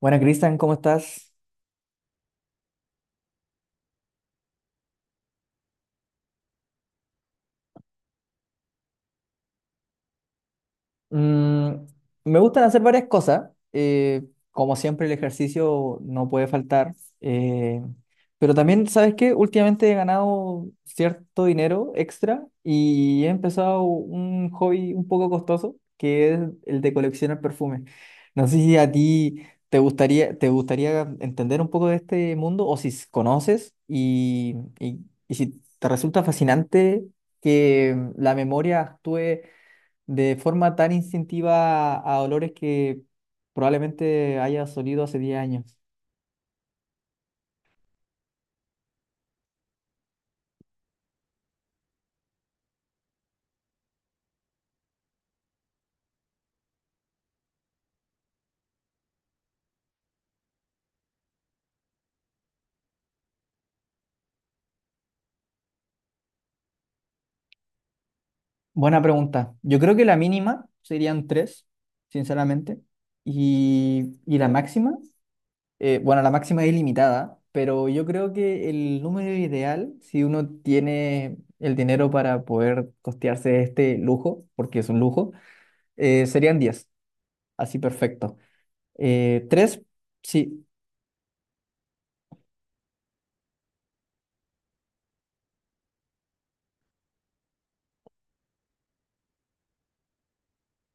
Buenas, Cristian, ¿cómo estás? Mm, me gustan hacer varias cosas. Como siempre, el ejercicio no puede faltar. eh, pero también, ¿sabes qué? Últimamente he ganado cierto dinero extra y he empezado un hobby un poco costoso, que es el de coleccionar perfumes. No sé si a ti te gustaría entender un poco de este mundo o si conoces y si te resulta fascinante que la memoria actúe de forma tan instintiva a olores que probablemente haya olido hace 10 años? Buena pregunta. Yo creo que la mínima serían tres, sinceramente. Y la máxima, bueno, la máxima es ilimitada, pero yo creo que el número ideal, si uno tiene el dinero para poder costearse este lujo, porque es un lujo, serían 10, así perfecto. Tres, sí.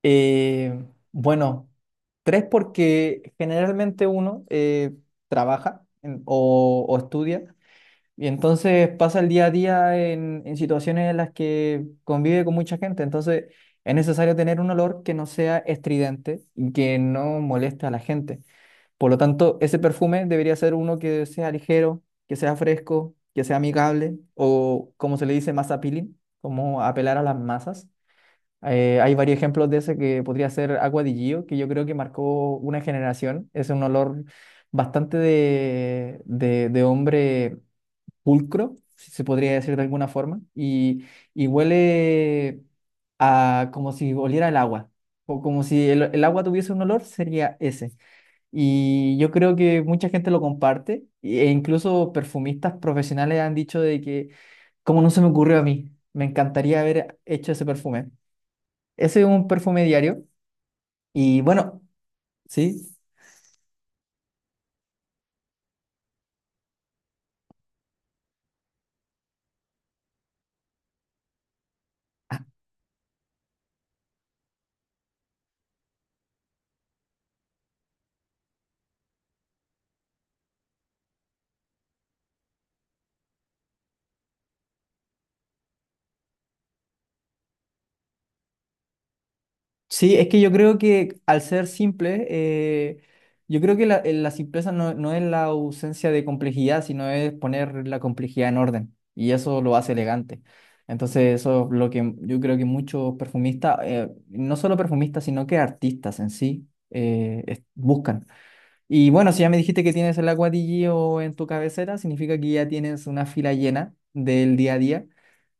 Eh, bueno, tres porque generalmente uno trabaja o estudia y entonces pasa el día a día en situaciones en las que convive con mucha gente. Entonces es necesario tener un olor que no sea estridente y que no moleste a la gente. Por lo tanto, ese perfume debería ser uno que sea ligero, que sea fresco, que sea amigable o como se le dice, más appealing, como apelar a las masas. Hay varios ejemplos de ese que podría ser Agua di Gio, que yo creo que marcó una generación. Es un olor bastante de hombre pulcro, si se podría decir de alguna forma, y huele a, como si oliera el agua, o como si el agua tuviese un olor, sería ese. Y yo creo que mucha gente lo comparte, e incluso perfumistas profesionales han dicho de que, como no se me ocurrió a mí, me encantaría haber hecho ese perfume. Ese es un perfume diario. Y bueno, sí. Sí, es que yo creo que al ser simple, yo creo que la simpleza no, no es la ausencia de complejidad, sino es poner la complejidad en orden. Y eso lo hace elegante. Entonces, eso es lo que yo creo que muchos perfumistas, no solo perfumistas, sino que artistas en sí, buscan. Y bueno, si ya me dijiste que tienes el Aqua di Gio en tu cabecera, significa que ya tienes una fila llena del día a día.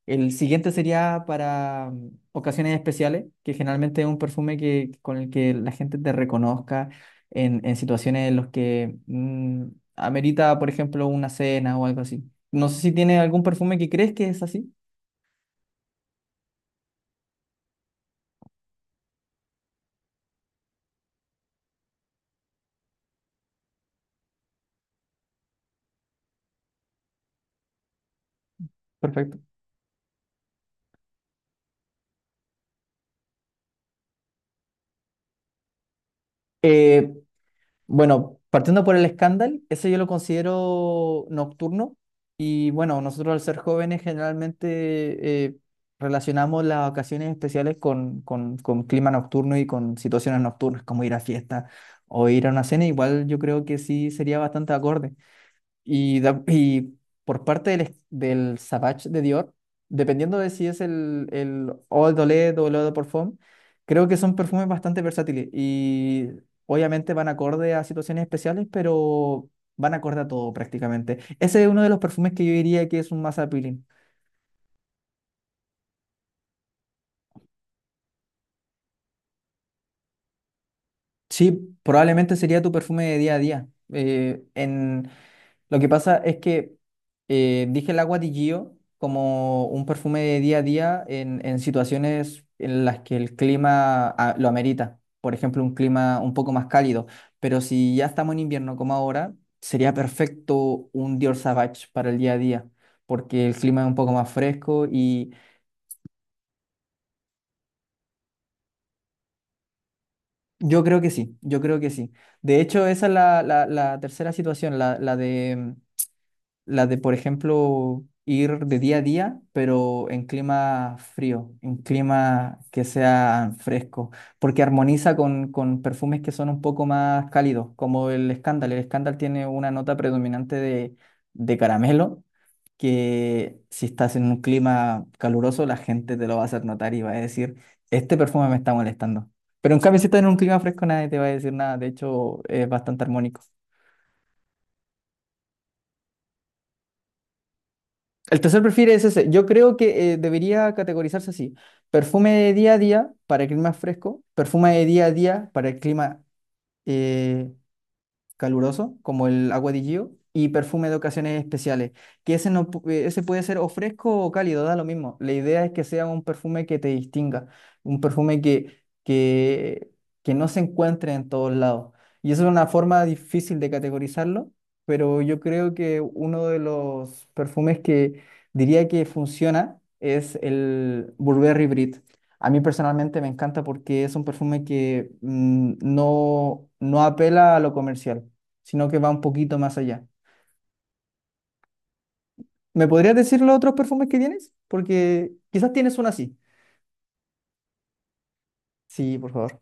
El siguiente sería para ocasiones especiales, que generalmente es un perfume que, con el que la gente te reconozca en situaciones en las que amerita, por ejemplo, una cena o algo así. No sé si tiene algún perfume que crees que es así. Perfecto. Eh, Bueno, partiendo por el escándalo, ese yo lo considero nocturno y bueno, nosotros al ser jóvenes generalmente relacionamos las ocasiones especiales con clima nocturno y con situaciones nocturnas como ir a fiesta o ir a una cena, igual yo creo que sí sería bastante acorde. Y por parte del Savage de Dior, dependiendo de si es el Eau de Toilette o el Eau de Parfum, creo que son perfumes bastante versátiles y obviamente van acorde a situaciones especiales, pero van acorde a todo prácticamente. Ese es uno de los perfumes que yo diría que es un más appealing. Sí, probablemente sería tu perfume de día a día. Lo que pasa es que dije el agua di Gio como un perfume de día a día en situaciones en las que el clima lo amerita. Por ejemplo, un clima un poco más cálido. Pero si ya estamos en invierno como ahora, sería perfecto un Dior Sauvage para el día a día, porque el clima es un poco más fresco y yo creo que sí, yo creo que sí. De hecho, esa es la tercera situación, la de, por ejemplo, ir de día a día, pero en clima frío, en clima que sea fresco, porque armoniza con perfumes que son un poco más cálidos, como el Scandal. El Scandal tiene una nota predominante de caramelo, que si estás en un clima caluroso, la gente te lo va a hacer notar y va a decir, este perfume me está molestando. Pero en cambio, si estás en un clima fresco, nadie te va a decir nada. De hecho, es bastante armónico. El tercer perfil es ese. Yo creo que debería categorizarse así. Perfume de día a día para el clima fresco, perfume de día a día para el clima eh, caluroso, como el agua di Gio, y perfume de ocasiones especiales, que ese, no, ese puede ser o fresco o cálido, da lo mismo. La idea es que sea un perfume que te distinga, un perfume que no se encuentre en todos lados. Y eso es una forma difícil de categorizarlo, pero yo creo que uno de los perfumes que diría que funciona es el Burberry Brit. A mí personalmente me encanta porque es un perfume que no, no apela a lo comercial sino que va un poquito más allá. ¿Me podrías decir los otros perfumes que tienes? Porque quizás tienes uno así. Sí, por favor.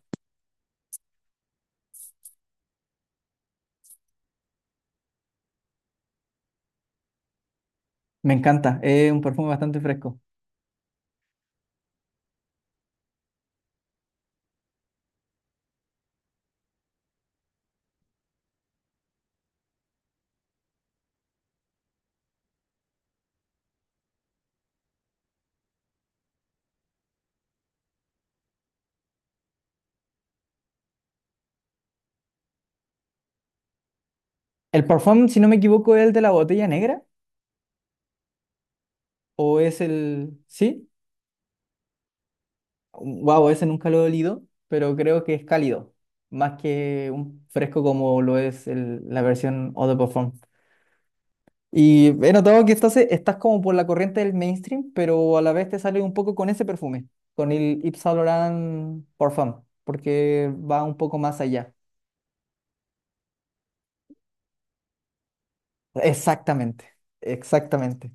Me encanta, es un perfume bastante fresco. El perfume, si no me equivoco, es el de la botella negra o es el... ¿Sí? Wow, ese nunca lo he olido, pero creo que es cálido, más que un fresco como lo es la versión Eau de Parfum. Y he notado que estás como por la corriente del mainstream, pero a la vez te sale un poco con ese perfume, con el Yves Saint Laurent Parfum, porque va un poco más allá. Exactamente, exactamente.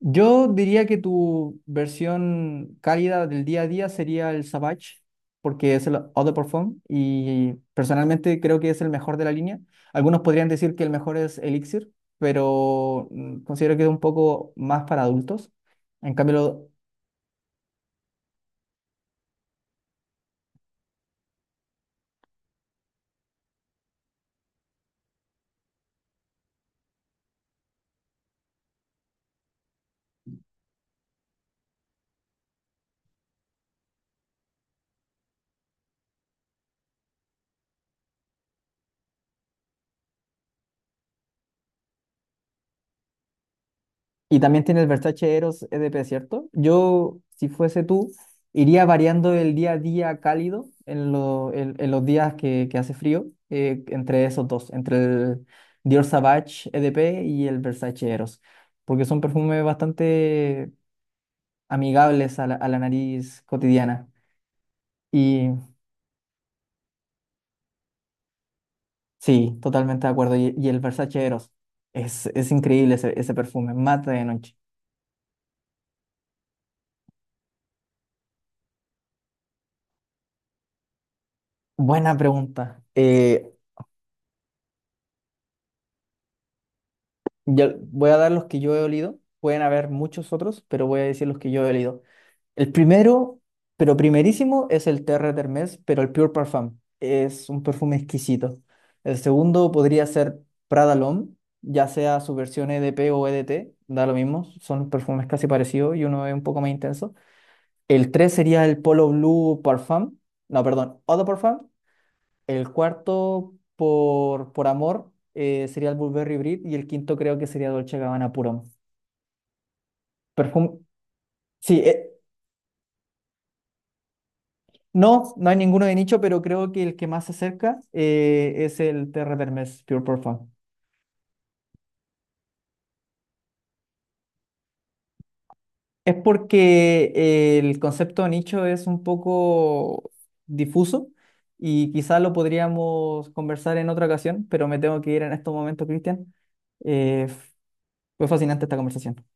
Yo diría que tu versión cálida del día a día sería el Savage, porque es el eau de parfum y personalmente creo que es el mejor de la línea. Algunos podrían decir que el mejor es Elixir, pero considero que es un poco más para adultos. En cambio. Y también tiene el Versace Eros EDP, ¿cierto? Yo, si fuese tú, iría variando el día a día cálido en los días que hace frío, entre esos dos, entre el Dior Sauvage EDP y el Versace Eros, porque son perfumes bastante amigables a la nariz cotidiana. Y sí, totalmente de acuerdo. Y el Versace Eros, es increíble ese perfume, mata de noche. Buena pregunta. Ya voy a dar los que yo he olido. Pueden haber muchos otros, pero voy a decir los que yo he olido. El primero, pero primerísimo, es el Terre d'Hermès, pero el Pure Parfum. Es un perfume exquisito. El segundo podría ser Prada L'Homme, ya sea su versión EDP o EDT, da lo mismo. Son perfumes casi parecidos y uno es un poco más intenso. El tres sería el Polo Blue Parfum. No, perdón, Eau de Parfum. El cuarto, por amor, sería el Burberry Brit y el quinto creo que sería Dolce Gabbana Puro. Perfume, sí, no, no hay ninguno de nicho, pero creo que el que más se acerca es el Terre d'Hermès Pure Perfume. Es porque el concepto de nicho es un poco difuso y quizás lo podríamos conversar en otra ocasión, pero me tengo que ir en estos momentos, Cristian. Eh, Fue fascinante esta conversación.